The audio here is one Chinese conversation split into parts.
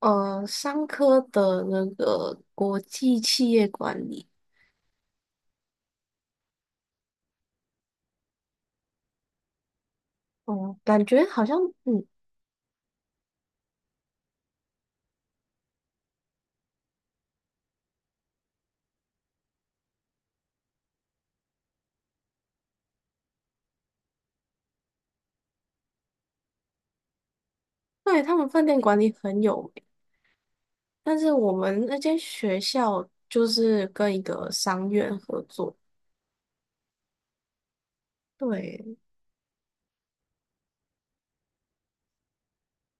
商科的那个国际企业管理。哦、感觉好像。嗯，对，他们饭店管理很有名，但是我们那间学校就是跟一个商院合作。对，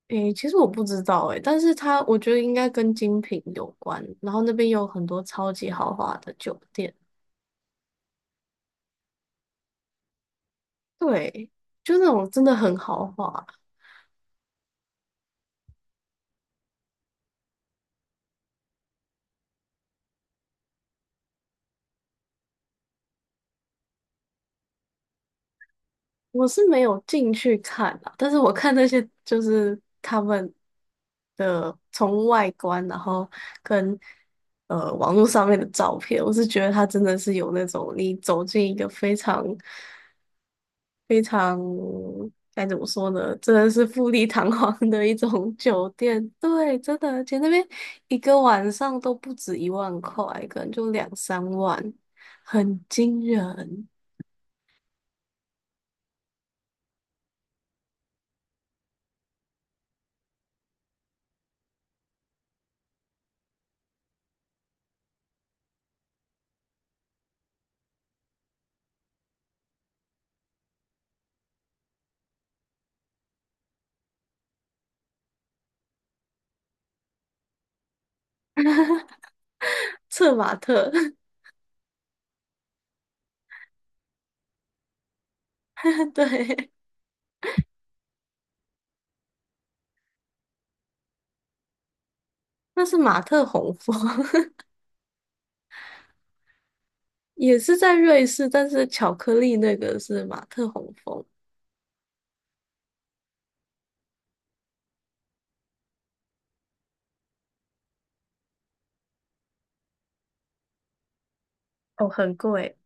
诶，其实我不知道，诶，但是它我觉得应该跟精品有关，然后那边有很多超级豪华的酒店。对，就那种真的很豪华。我是没有进去看啊，但是我看那些就是他们的从外观，然后跟网络上面的照片，我是觉得它真的是有那种你走进一个非常非常该怎么说呢，真的是富丽堂皇的一种酒店，对，真的，而且那边一个晚上都不止1万块，可能就2、3万，很惊人。策马特。对。那是马特洪峰。也是在瑞士，但是巧克力那个是马特洪峰。哦，很贵。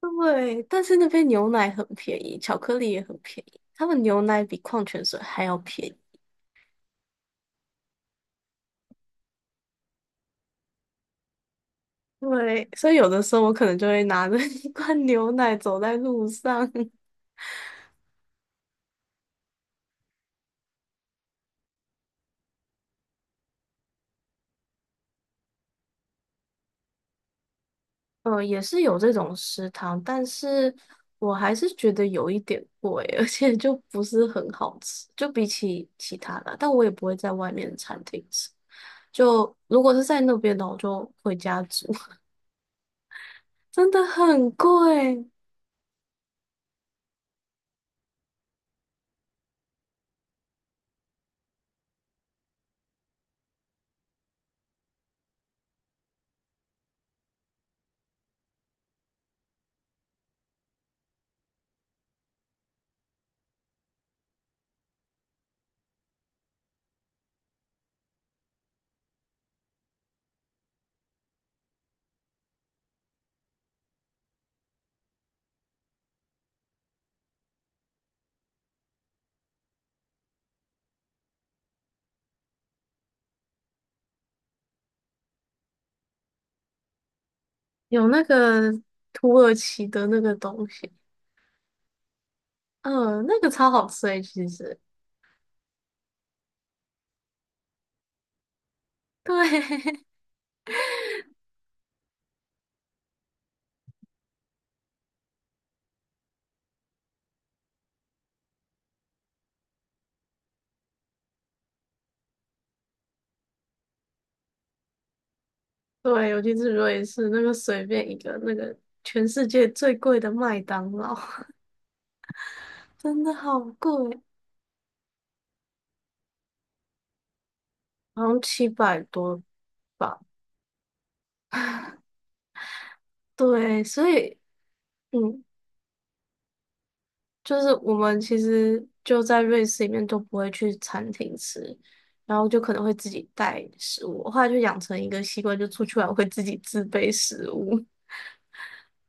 对，但是那边牛奶很便宜，巧克力也很便宜，他们牛奶比矿泉水还要便宜。对，所以有的时候我可能就会拿着一罐牛奶走在路上。也是有这种食堂，但是我还是觉得有一点贵，而且就不是很好吃，就比起其他的啊，但我也不会在外面的餐厅吃。就如果是在那边的，我就回家煮。真的很贵。有那个土耳其的那个东西。嗯、那个超好吃诶、其实。对。 对，尤其是瑞士那个随便一个那个全世界最贵的麦当劳。真的好贵。好像700多吧。对，所以嗯，就是我们其实就在瑞士里面都不会去餐厅吃，然后就可能会自己带食物。我后来就养成一个习惯，就出去玩我会自己自备食物。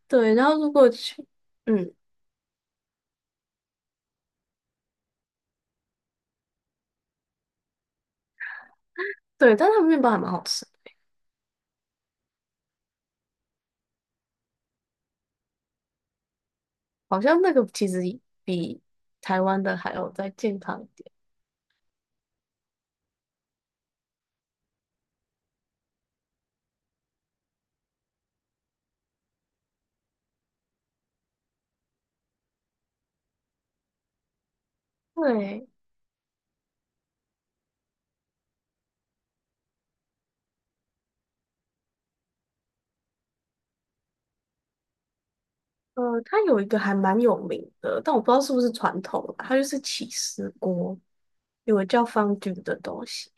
对，然后如果去。嗯，对，但他们面包还蛮好吃的。好像那个其实比台湾的还要再健康一点。对。它有一个还蛮有名的，但我不知道是不是传统啦，它就是起司锅。有个叫方菌的东西。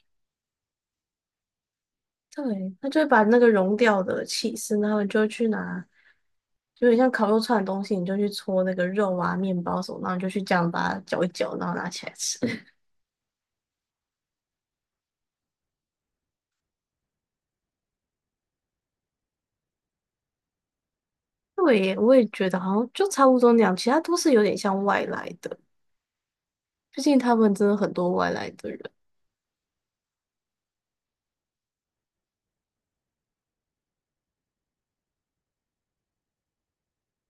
对，他就会把那个融掉的起司，然后你就会去拿，就有点像烤肉串的东西，你就去搓那个肉啊、面包什么，然后你就去这样把它搅一搅，然后拿起来吃。对耶我也觉得好像就差不多那样，其他都是有点像外来的，毕竟他们真的很多外来的人。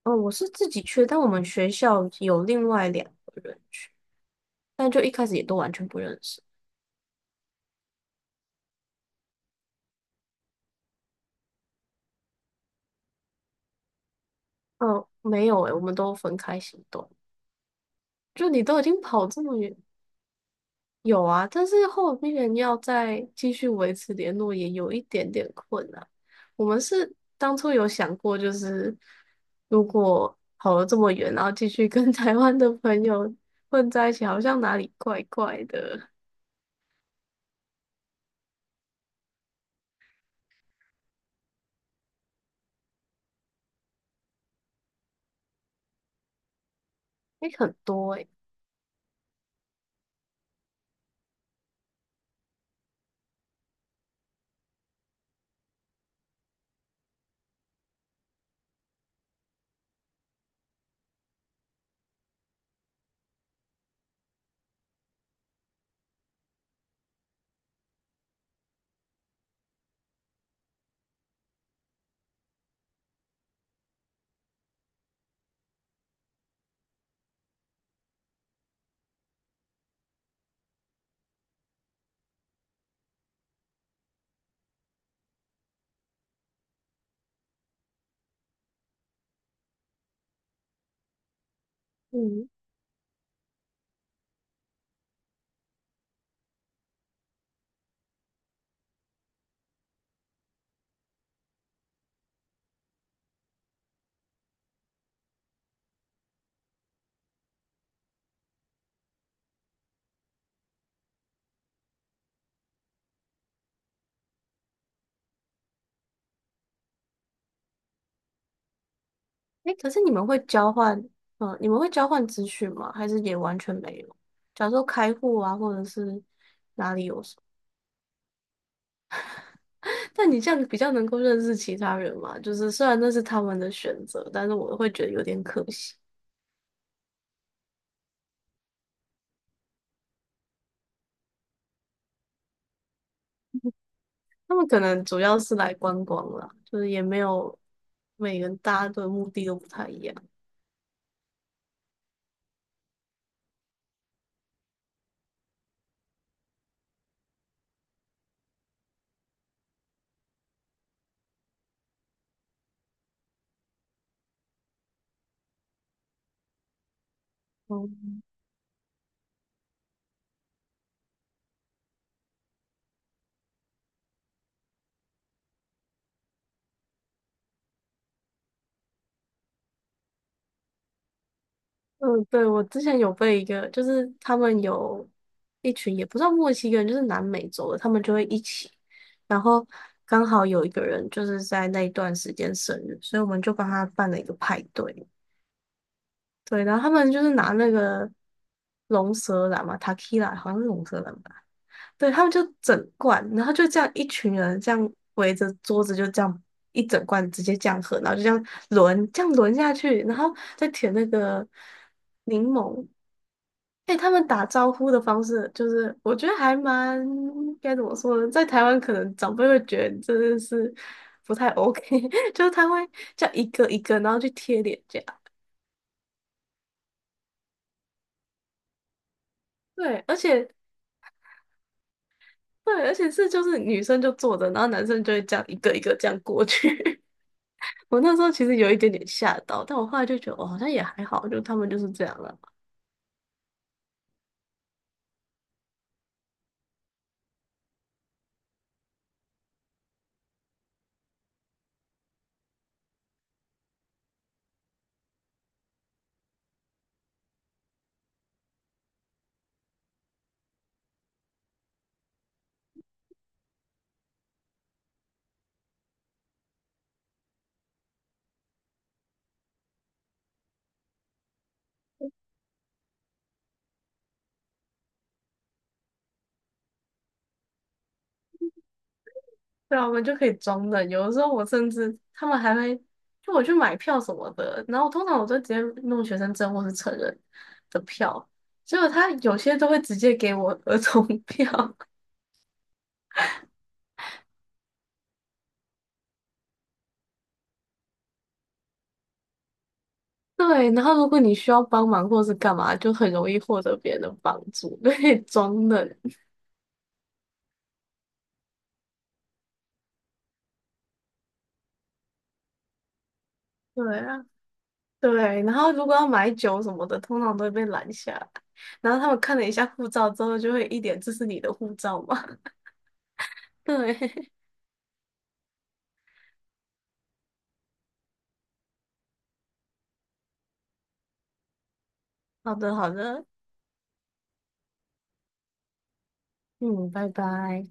嗯，我是自己去但我们学校有另外2个人去，但就一开始也都完全不认识。嗯，没有诶，我们都分开行动。就你都已经跑这么远。有啊，但是后面要再继续维持联络也有一点点困难。我们是当初有想过，就是如果跑了这么远，然后继续跟 台湾的朋友混在一起，好像哪里怪怪的。诶，很多诶。嗯，诶，可是你们会交换。嗯，你们会交换资讯吗？还是也完全没有？假如说开户啊，或者是哪里有。但你这样比较能够认识其他人嘛？就是虽然那是他们的选择，但是我会觉得有点可惜。他们可能主要是来观光啦，就是也没有每个人大家的目的都不太一样。嗯。嗯，对，我之前有被一个，就是他们有一群也不算墨西哥人，就是南美洲的，他们就会一起，然后刚好有一个人就是在那一段时间生日，所以我们就帮他办了一个派对。对，然后他们就是拿那个龙舌兰嘛 takila 好像是龙舌兰吧。对，他们就整罐，然后就这样一群人这样围着桌子，就这样一整罐直接这样喝，然后就这样轮，这样轮下去，然后再舔那个柠檬。哎、他们打招呼的方式，就是我觉得还蛮该怎么说呢，在台湾可能长辈会觉得真的是不太 OK。就是他会叫一个一个，然后去贴脸颊。对，而且对，而且是就是女生就坐着，然后男生就会这样一个一个这样过去。我那时候其实有一点点吓到，但我后来就觉得哦，好像也还好，就他们就是这样了。对啊，我们就可以装的。有的时候我甚至他们还会就我去买票什么的，然后通常我都直接弄学生证或是成人的票，结果他有些都会直接给我儿童票。对，然后如果你需要帮忙或是干嘛，就很容易获得别人的帮助，对，装嫩。对啊。对，然后如果要买酒什么的，通常都会被拦下来然后他们看了一下护照之后，就会一脸"这是你的护照吗？" 对，好的，好的，嗯，拜拜。